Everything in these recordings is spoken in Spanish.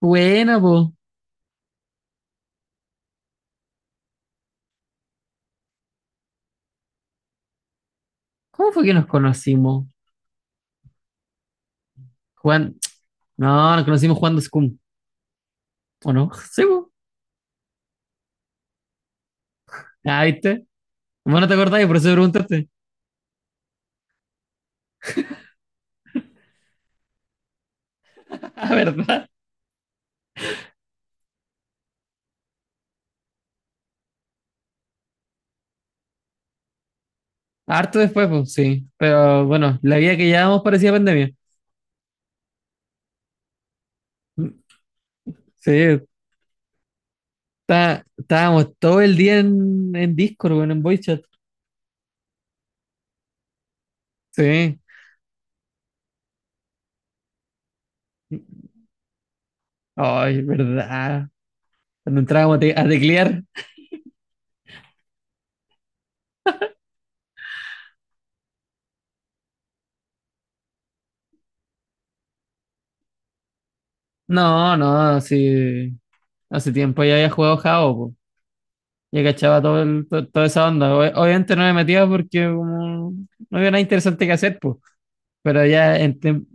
Buena, po. ¿Cómo fue que nos conocimos? Juan... No, nos conocimos jugando Scum, ¿o no? Sí, po. Ah, ¿viste? Bueno, te acordás, por eso te preguntaste. Ah, ¿verdad? Harto después, pues, sí. Pero bueno, la vida que llevábamos parecía pandemia. Sí, estábamos todo el día en Discord, bueno, en voice chat. Sí. Ay, ¿verdad? Cuando entrábamos a teclear. No, no, sí. Hace tiempo ya había jugado Jao, ya cachaba toda esa onda. Obviamente no me metía porque como no había nada interesante que hacer, pues. Pero ya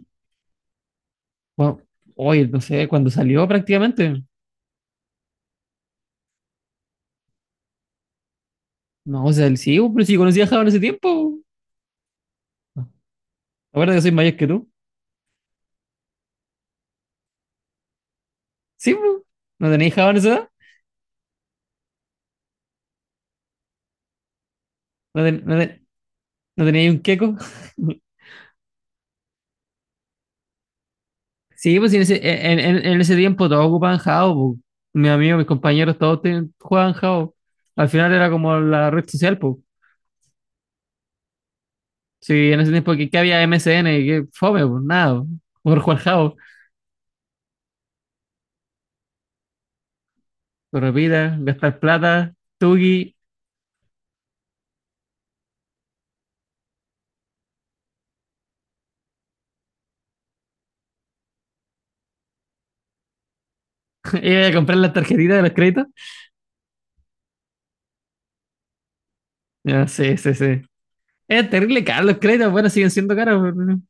bueno, hoy, no sé, cuando salió prácticamente. No, o sea, sí, pues, pero si conocía a Java en ese tiempo. Ahora que soy mayor que tú. Sí, pues. ¿No tenías Java en esa edad? ¿No, ten- no ten- no teníais un queco? Sí, pues en ese tiempo todos ocupaban Java, pues. Mis amigos, mis compañeros, todos jugaban Java. Al final era como la red social, pues. Sí, en ese tiempo que había MSN, que fome, pues nada, por Juan Jao, repita, gastar plata, Tugi, iba a comprar las tarjetitas de los créditos. Ya, sí, sí, sí. Es terrible caro los créditos, bueno, siguen siendo caros. No.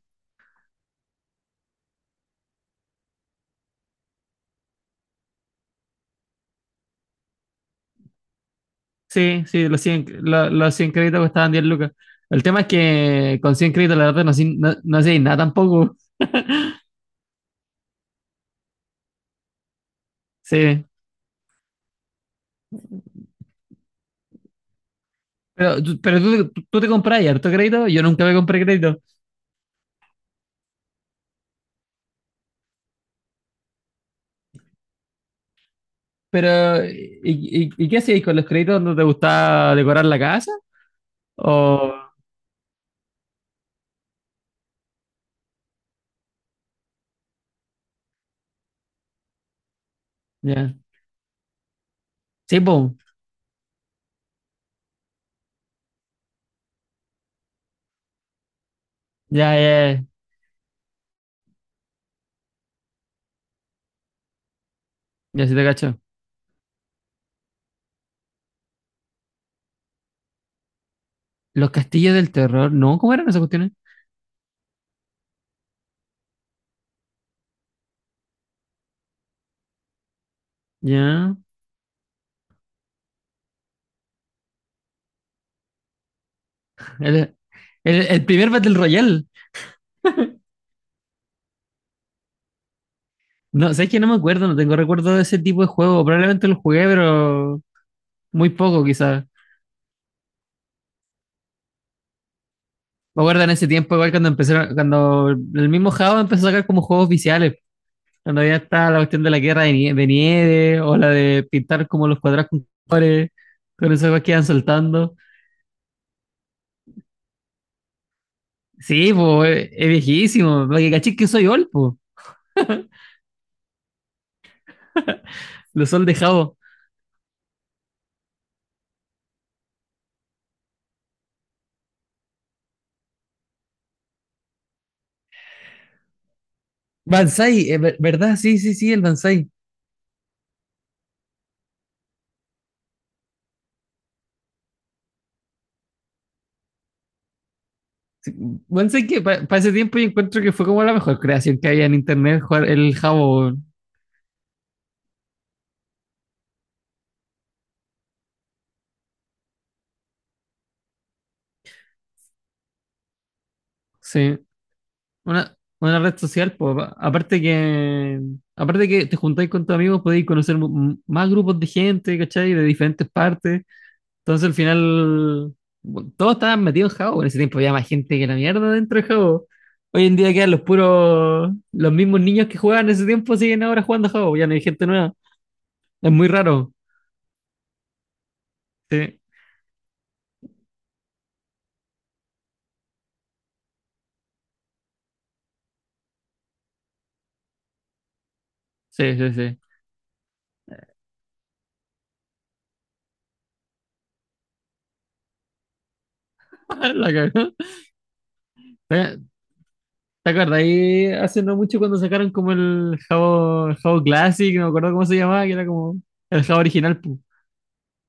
Sí, sí, los 100 créditos costaban 10 lucas. El tema es que con 100 créditos, la verdad, no, no hacían nada tampoco. Sí. Pero tú te compras harto crédito, yo nunca me compré crédito. Pero, ¿y qué hacíais con los créditos? ¿No te gustaba decorar la casa? ¿O Ya. Sí, po. Ya, ya, ya. Ya, sí te cacho. Los castillos del terror. No, ¿cómo eran esas cuestiones? Ya. El, el primer Battle Royale. No, sabes que no me acuerdo, no tengo recuerdo de ese tipo de juego. Probablemente lo jugué, pero muy poco, quizás. Me acuerdo en ese tiempo, igual cuando empezaron, cuando el mismo Java empezó a sacar como juegos oficiales. Cuando ya está la cuestión de la guerra de nieve, o la de pintar como los cuadrados con colores, con esas cosas que iban soltando. Sí, pues, es viejísimo. Porque caché que soy old, pues. Los sol de Jabo. Banzai, ¿verdad? Sí, sí, sí, el Banzai. Sí, Banzai que para ese tiempo yo encuentro que fue como la mejor creación que había en internet, jugar el Jabo. Weón. Sí. Una red social, po. Aparte que te juntáis con tus amigos, podéis conocer más grupos de gente, ¿cachai? De diferentes partes. Entonces al final, bueno, todos estaban metidos en Jabo. En ese tiempo había más gente que la mierda dentro de Jabo. Hoy en día quedan los puros, los mismos niños que jugaban en ese tiempo siguen ahora jugando a Jabo, ya no hay gente nueva. Es muy raro. Sí, sí, sí, sí. La cagó. ¿Te, te acuerdas? Ahí hace no mucho cuando sacaron como el Jabo Classic, no me acuerdo cómo se llamaba, que era como el Jabo original. Pu.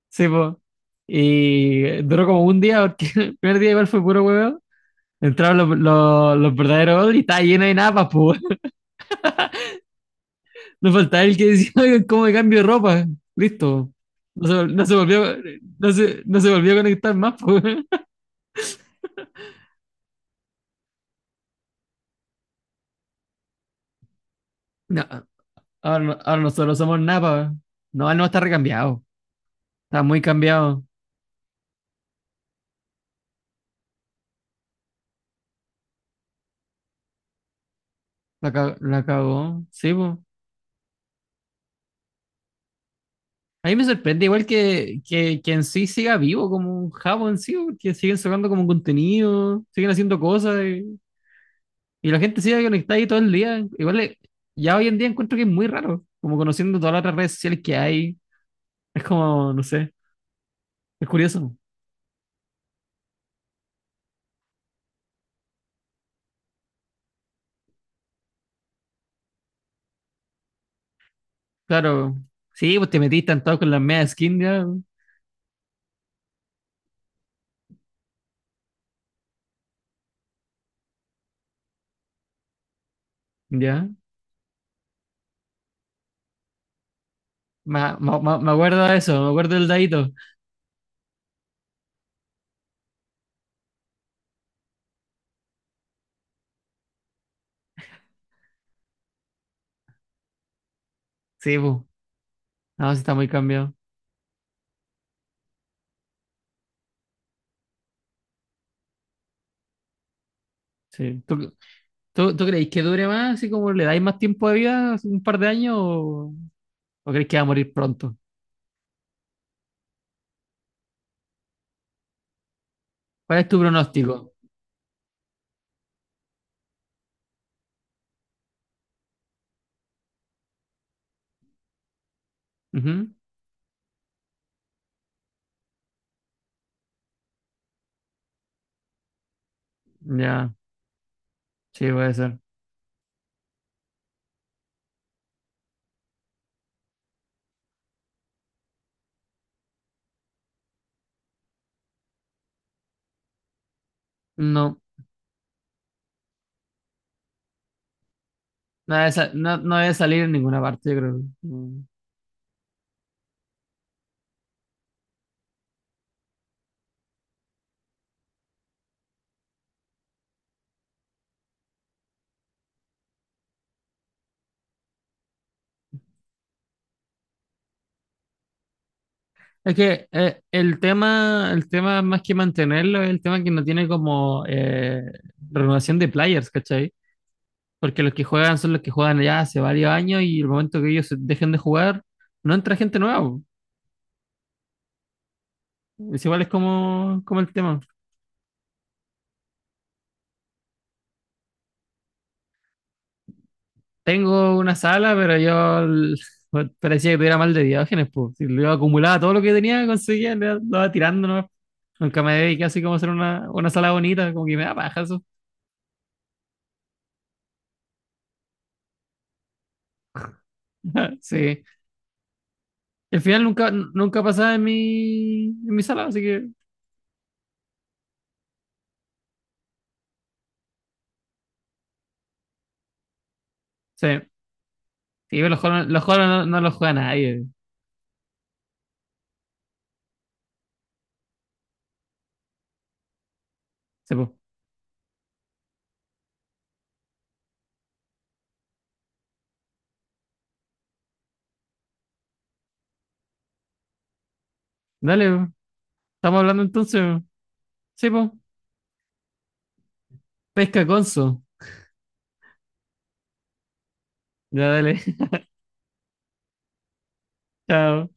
Sí, po. Y duró como un día, porque el primer día igual fue puro huevo. Entraron los verdaderos odres y estaba lleno de napas, pues. No faltaba el que decía, "Oigan, ¿cómo me cambio de ropa? Listo. No se, vol- no se volvió, no se volvió a conectar más, pues. No, ahora nosotros somos Napa. No, él no está recambiado. Está muy cambiado. La cagó. Sí, po. A mí me sorprende igual que en sí siga vivo como un jabo en sí, porque siguen sacando como contenido, siguen haciendo cosas y la gente sigue conectada ahí todo el día. Igual ya hoy en día encuentro que es muy raro, como conociendo todas las otras redes sociales que hay. Es como, no sé, es curioso. Claro, sí, pues te metiste en todo con las medias skin ya. Ya, me acuerdo de eso, me acuerdo del dadito. Sí, pues. No, sí está muy cambiado. Sí. ¿Tú creéis que dure más, así como le dais más tiempo de vida, así un par de años, o creéis que va a morir pronto? ¿Cuál es tu pronóstico? Ujú. Ya, sí, puede ser. No, no debe salir en ninguna parte, yo creo. Mm. Es que el tema más que mantenerlo es el tema que no tiene como renovación de players, ¿cachai? Porque los que juegan son los que juegan ya hace varios años y el momento que ellos se dejen de jugar, no entra gente nueva. Es igual es como el tema. Tengo una sala, pero parecía que tuviera mal de Diógenes, pues. Si lo acumulaba todo lo que tenía, conseguía, lo iba tirando, ¿no? Nunca me dediqué así como a hacer una sala bonita, como que me da paja eso. Sí. El final nunca pasaba en mi sala, así que sí. Sí, pero los juegos no, no los juega nadie. Sí, po. Dale, po. Estamos hablando entonces, po. Sí, pues. Pesca Conso. Ya, dale. Chao.